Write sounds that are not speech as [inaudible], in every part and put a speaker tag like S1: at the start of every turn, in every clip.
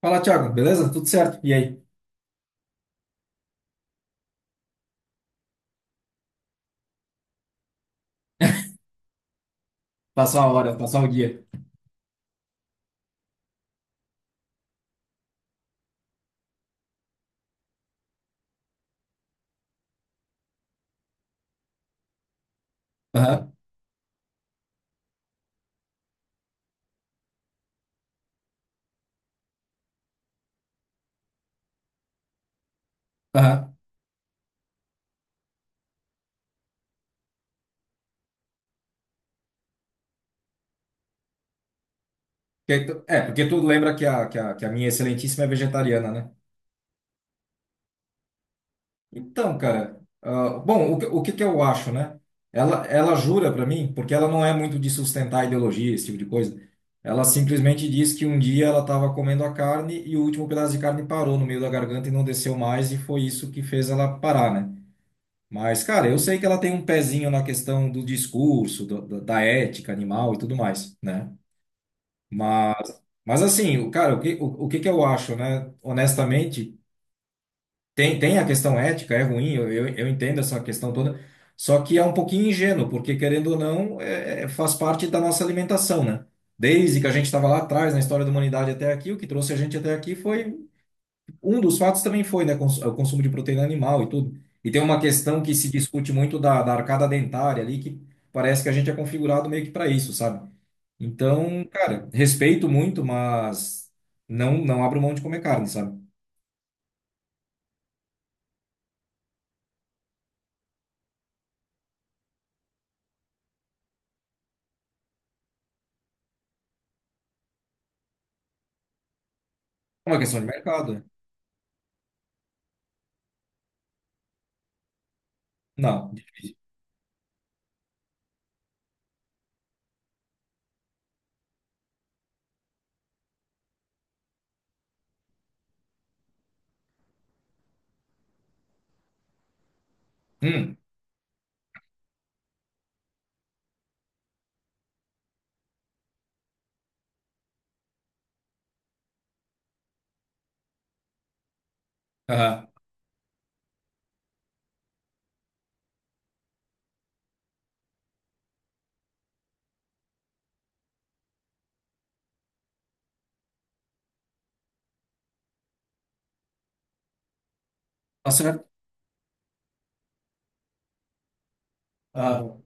S1: Fala, Thiago, beleza? Tudo certo? E aí? Passou a hora, passou o dia. Aham, aham. É, porque tu lembra que que a minha excelentíssima é vegetariana, né? Então, cara, ah, bom, o que que eu acho, né? Ela jura pra mim, porque ela não é muito de sustentar ideologia, esse tipo de coisa. Ela simplesmente diz que um dia ela estava comendo a carne e o último pedaço de carne parou no meio da garganta e não desceu mais, e foi isso que fez ela parar, né? Mas, cara, eu sei que ela tem um pezinho na questão do discurso, da ética animal e tudo mais, né? Mas, mas assim, cara, o que que eu acho, né? Honestamente, tem a questão ética, é ruim, eu entendo essa questão toda, só que é um pouquinho ingênuo, porque querendo ou não, faz parte da nossa alimentação, né? Desde que a gente estava lá atrás, na história da humanidade até aqui, o que trouxe a gente até aqui foi um dos fatos também foi, né, o consumo de proteína animal e tudo. E tem uma questão que se discute muito da arcada dentária ali, que parece que a gente é configurado meio que para isso, sabe? Então, cara, respeito muito, mas não abro mão de comer carne, sabe? É uma questão de mercado, né? Não, difícil. Hum, aham. Tá certo. Ah,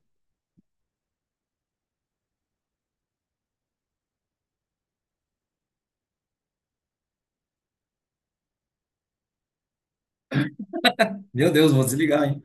S1: meu Deus, vou desligar, hein?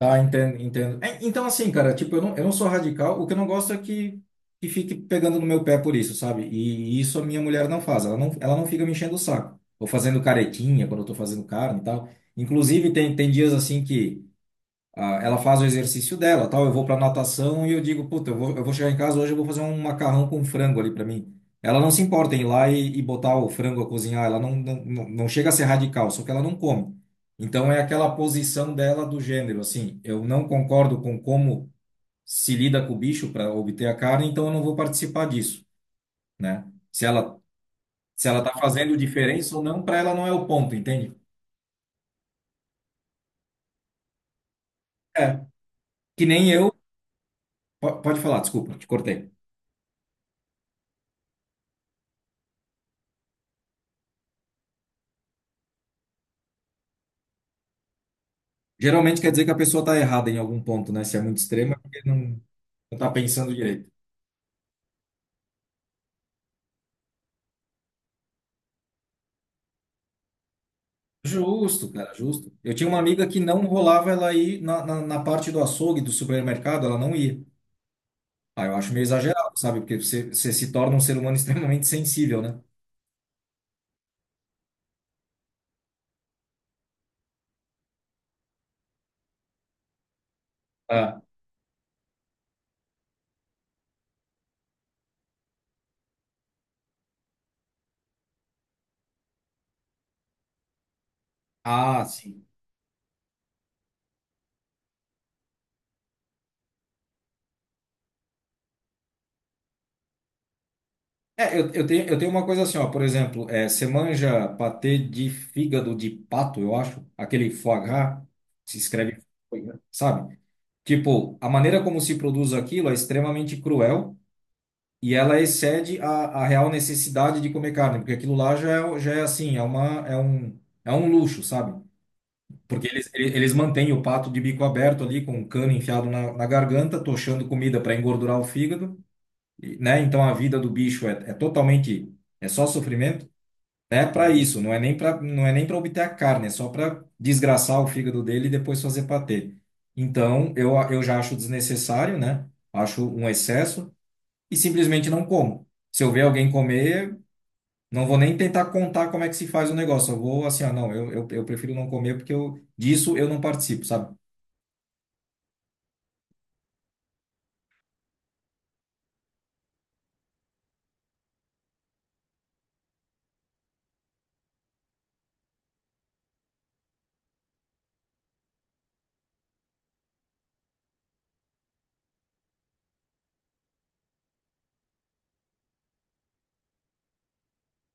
S1: Ah, entendo, entendo. É, então, assim, cara, tipo, eu não sou radical, o que eu não gosto é que fique pegando no meu pé por isso, sabe? E isso a minha mulher não faz, ela não fica me enchendo o saco. Ou fazendo caretinha quando eu tô fazendo carne e tal. Inclusive, tem dias assim que. Ah, ela faz o exercício dela, tal. Eu vou para natação e eu digo, puta, eu vou chegar em casa hoje, eu vou fazer um macarrão com frango ali para mim. Ela não se importa em ir lá e botar o frango a cozinhar, ela não chega a ser radical, só que ela não come. Então é aquela posição dela do gênero, assim, eu não concordo com como se lida com o bicho para obter a carne, então eu não vou participar disso, né? Se ela, se ela tá fazendo diferença ou não, para ela não é o ponto, entende? É, que nem eu. Pode falar, desculpa, te cortei. Geralmente quer dizer que a pessoa está errada em algum ponto, né? Se é muito extremo, é porque não está pensando direito. Justo, cara, justo. Eu tinha uma amiga que não rolava ela ir na parte do açougue, do supermercado, ela não ia. Ah, eu acho meio exagerado, sabe? Porque você se torna um ser humano [laughs] extremamente sensível, né? Ah, sim. É, eu tenho uma coisa assim, ó, por exemplo, é, você manja patê de fígado de pato, eu acho, aquele foie gras, se escreve, foie gras, sabe? Tipo, a maneira como se produz aquilo é extremamente cruel. E ela excede a real necessidade de comer carne, porque aquilo lá já já é assim, é um luxo, sabe? Porque eles, eles mantêm o pato de bico aberto ali, com o cano enfiado na garganta, tochando comida para engordurar o fígado, e, né? Então a vida do bicho é totalmente, é só sofrimento, né? Para isso, não é nem para obter a carne, é só para desgraçar o fígado dele e depois fazer patê. Então, eu já acho desnecessário, né? Acho um excesso e simplesmente não como. Se eu ver alguém comer, não vou nem tentar contar como é que se faz o negócio. Eu vou assim, ah, não, eu prefiro não comer porque eu, disso eu não participo, sabe?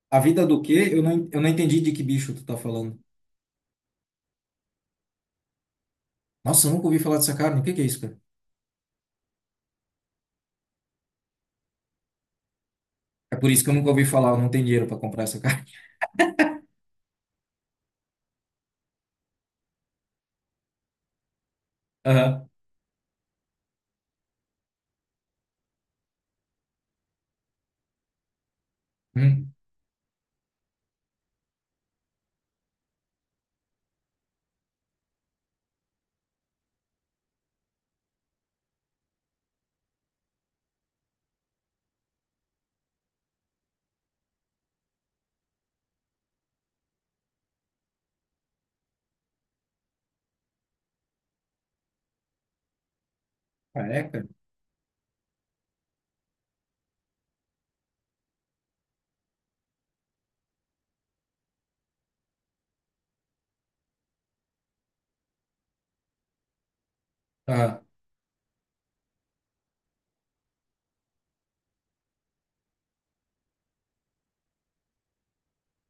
S1: A vida do quê? Eu não entendi de que bicho tu tá falando. Nossa, eu nunca ouvi falar dessa carne. O que que é isso, cara? É por isso que eu nunca ouvi falar, eu não tenho dinheiro para comprar essa carne. [laughs] Aham. Hum. Ah, é. Aham.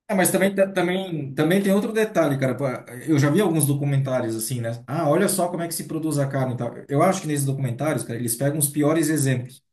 S1: É, mas também, também tem outro detalhe, cara. Pô, eu já vi alguns documentários assim, né? Ah, olha só como é que se produz a carne e tal. Eu acho que nesses documentários, cara, eles pegam os piores exemplos.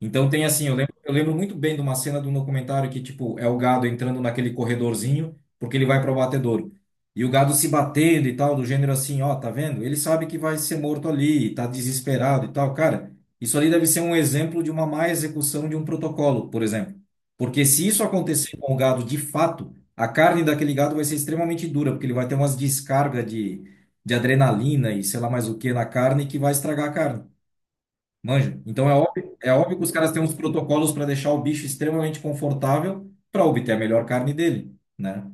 S1: Então tem assim, eu lembro muito bem de uma cena de um documentário que, tipo, é o gado entrando naquele corredorzinho, porque ele vai para o batedouro. E o gado se batendo e tal, do gênero assim, ó, tá vendo? Ele sabe que vai ser morto ali, tá desesperado e tal. Cara, isso ali deve ser um exemplo de uma má execução de um protocolo, por exemplo. Porque se isso acontecer com o gado de fato, a carne daquele gado vai ser extremamente dura, porque ele vai ter umas descargas de adrenalina e sei lá mais o que na carne que vai estragar a carne. Manja. Então é óbvio que os caras têm uns protocolos para deixar o bicho extremamente confortável para obter a melhor carne dele, né?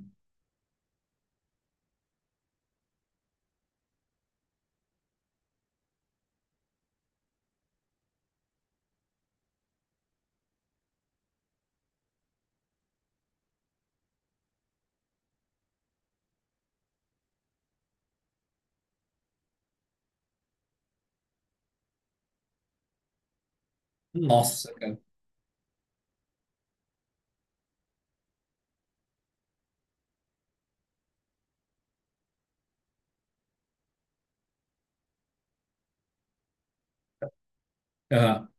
S1: Nossa, cara. Aham.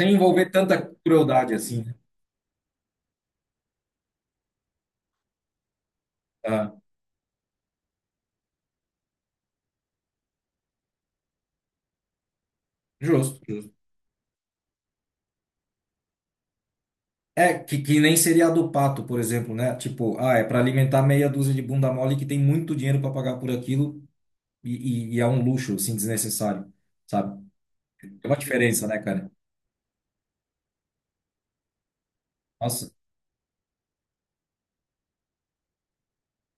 S1: Sem envolver tanta crueldade assim, né? Aham. Justo, justo. É, que nem seria a do pato, por exemplo, né? Tipo, ah, é para alimentar meia dúzia de bunda mole que tem muito dinheiro para pagar por aquilo e, e é um luxo, assim, desnecessário, sabe? É uma diferença, né, cara? Nossa,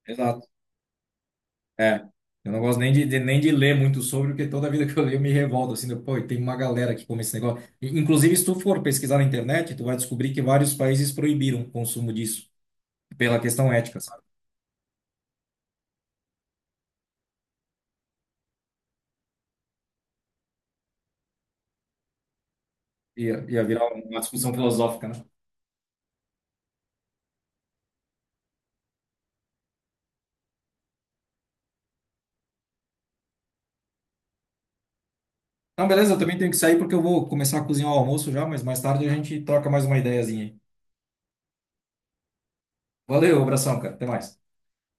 S1: exato. É, eu não gosto nem nem de ler muito sobre, porque toda vida que eu leio eu me revolto, assim, de, pô, e tem uma galera que come esse negócio. E, inclusive, se tu for pesquisar na internet, tu vai descobrir que vários países proibiram o consumo disso, pela questão ética, sabe? Ia, ia virar uma discussão filosófica, né? Então, beleza, eu também tenho que sair porque eu vou começar a cozinhar o almoço já, mas mais tarde a gente troca mais uma ideiazinha aí. Valeu, abração, cara, até mais.